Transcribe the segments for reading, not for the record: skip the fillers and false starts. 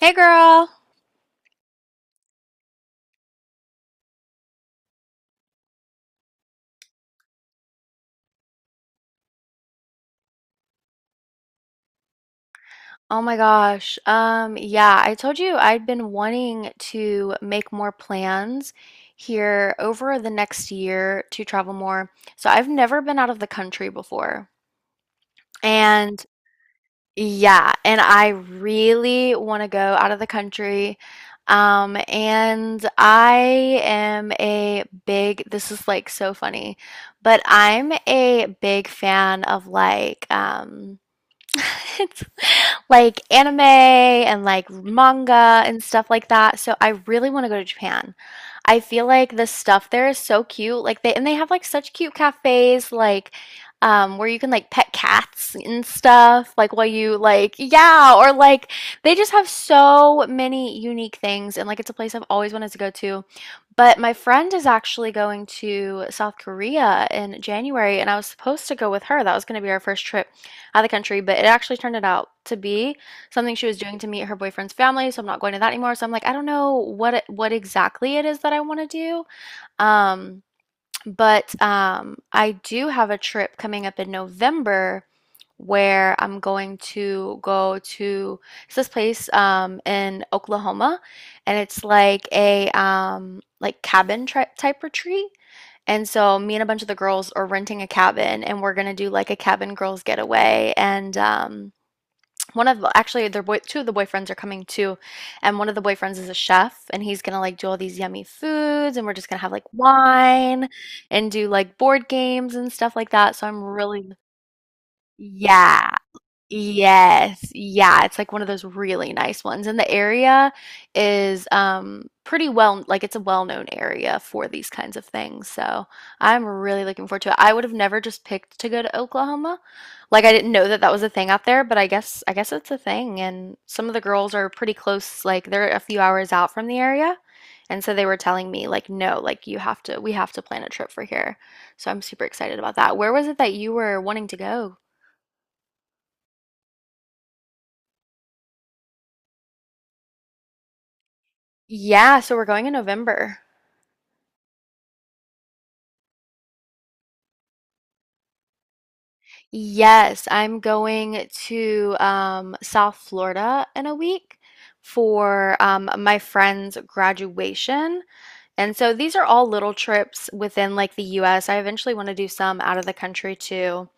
Hey girl. Oh my gosh. Yeah, I told you I'd been wanting to make more plans here over the next year to travel more. So I've never been out of the country before. And yeah, and I really want to go out of the country. And I am a big, this is like so funny, but I'm a big fan of like, It's like anime and like manga and stuff like that. So I really want to go to Japan. I feel like the stuff there is so cute. Like they have like such cute cafes like where you can like pet cats and stuff like while you like yeah or like they just have so many unique things, and like it's a place I've always wanted to go to. But my friend is actually going to South Korea in January, and I was supposed to go with her. That was going to be our first trip out of the country, but it actually turned it out to be something she was doing to meet her boyfriend's family. So I'm not going to that anymore. So I'm like, I don't know what it, what exactly it is that I want to do. Um, but I do have a trip coming up in November where I'm going to go to it's this place in Oklahoma, and it's like a like cabin tri type retreat. And so me and a bunch of the girls are renting a cabin, and we're gonna do like a cabin girls getaway. And one of actually their boy two of the boyfriends are coming too, and one of the boyfriends is a chef, and he's gonna like do all these yummy foods, and we're just gonna have like wine and do like board games and stuff like that. So I'm really yeah. Yes. Yeah, it's like one of those really nice ones. And the area is pretty well like it's a well-known area for these kinds of things. So, I'm really looking forward to it. I would have never just picked to go to Oklahoma. Like I didn't know that that was a thing out there, but I guess it's a thing, and some of the girls are pretty close like they're a few hours out from the area. And so they were telling me like no, like you have to we have to plan a trip for here. So, I'm super excited about that. Where was it that you were wanting to go? Yeah, so we're going in November. Yes, I'm going to South Florida in a week for my friend's graduation. And so these are all little trips within like the US. I eventually want to do some out of the country too.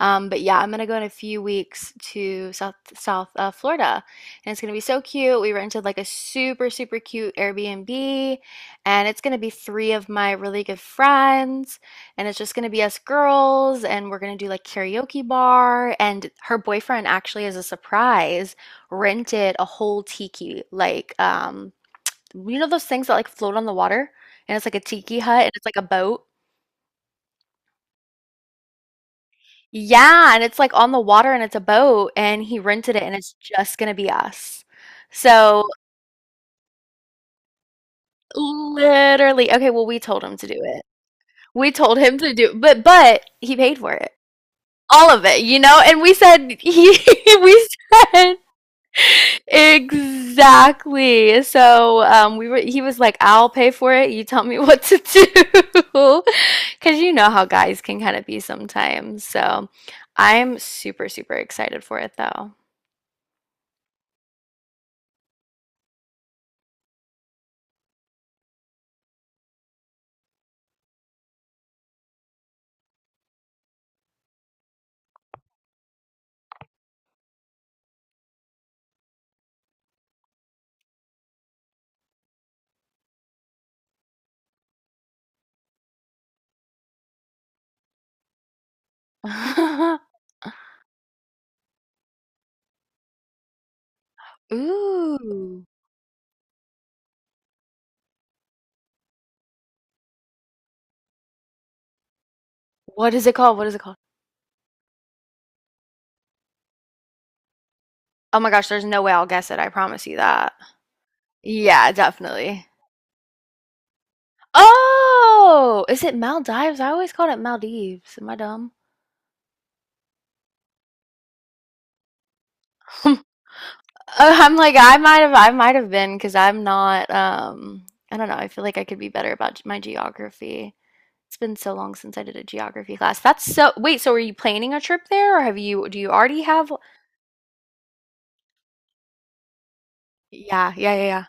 But yeah, I'm gonna go in a few weeks to South Florida, and it's gonna be so cute. We rented like a super cute Airbnb, and it's gonna be three of my really good friends, and it's just gonna be us girls, and we're gonna do like karaoke bar. And her boyfriend actually, as a surprise, rented a whole tiki like you know those things that like float on the water, and it's like a tiki hut and it's like a boat? Yeah, and it's like on the water and it's a boat and he rented it and it's just gonna be us. So literally, okay, well we told him to do it. We told him to do, but he paid for it. All of it, you know? And we said he we said Exactly. So we were. He was like, "I'll pay for it. You tell me what to do," because you know how guys can kind of be sometimes. So I'm super excited for it though. Ooh, what is it called? What is it called? Oh my gosh, there's no way I'll guess it. I promise you that. Yeah, definitely. Oh, is it Maldives? I always called it Maldives. Am I dumb? I'm like I might have been because I'm not I don't know I feel like I could be better about my geography. It's been so long since I did a geography class. That's so wait, so are you planning a trip there or have you do you already have yeah.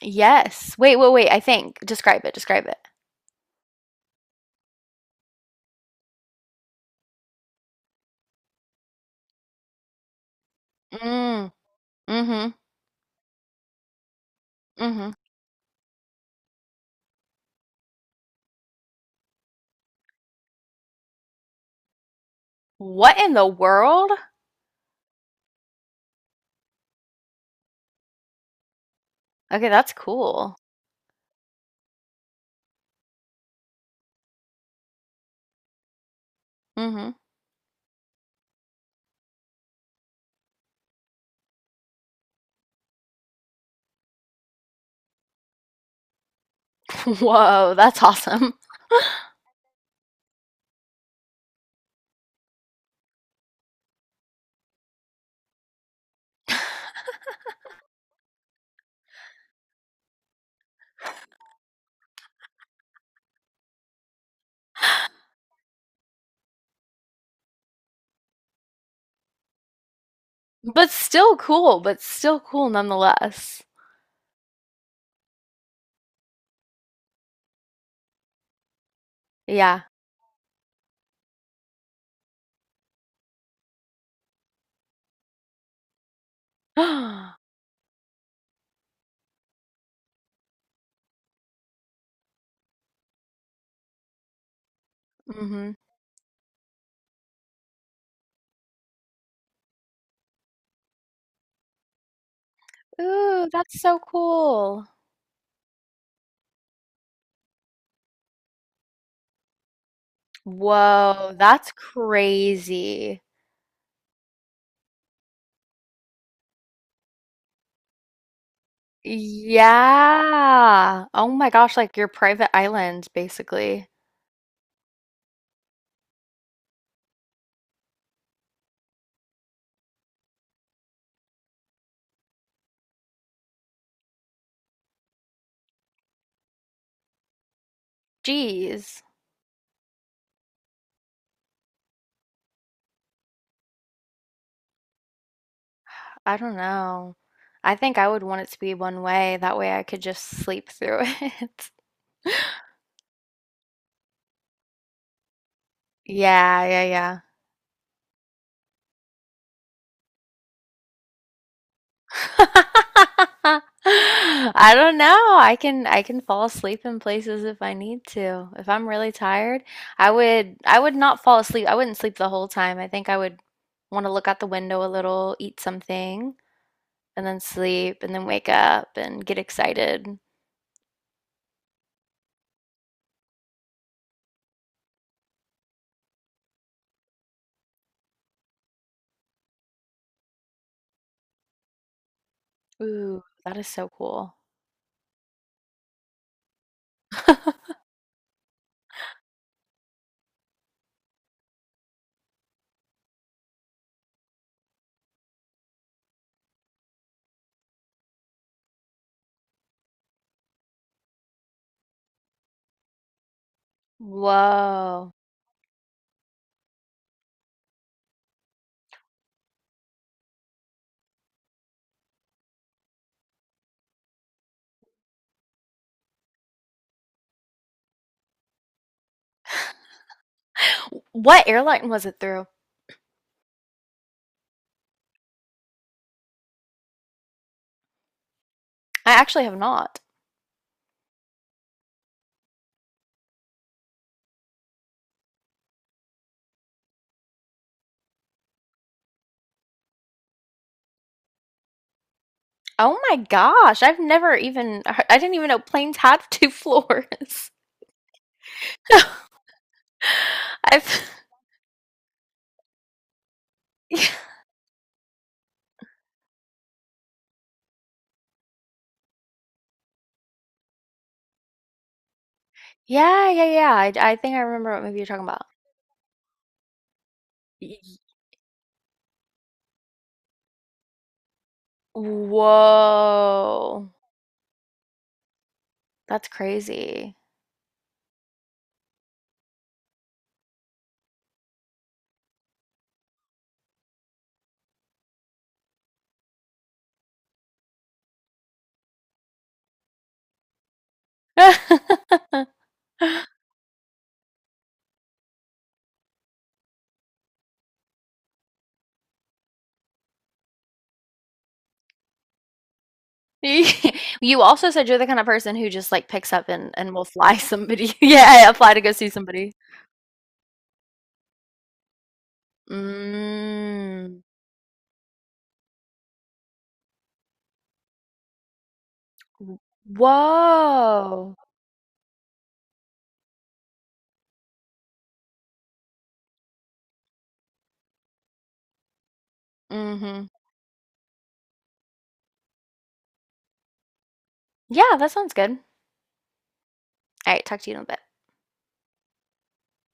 Yes. Wait. I think describe it. Mm, mm-hmm, mm-hmm. What in the world? Okay, that's cool. Mm-hmm. Whoa, that's awesome. But still cool nonetheless. Yeah. Mm-hmm. Ooh, that's so cool. Whoa, that's crazy. Yeah. Oh my gosh, like your private island, basically. Geez, I don't know. I think I would want it to be one way. That way I could just sleep through it. Yeah. I don't know. I can fall asleep in places if I need to. If I'm really tired, I would not fall asleep. I wouldn't sleep the whole time. I think I would want to look out the window a little, eat something, and then sleep, and then wake up and get excited. Ooh, that is so cool. Whoa. What airline was it through? I actually have not. Oh my gosh, I've never even I didn't even know planes had two floors. I've yeah. I think I remember what movie you're talking about. Y- y- Whoa. That's crazy. You also said you're the kind of person who just like picks up and will fly somebody. Yeah, fly to go see somebody. Mm. Whoa. Mm-hmm. Yeah, that sounds good. All right, talk to you in a bit.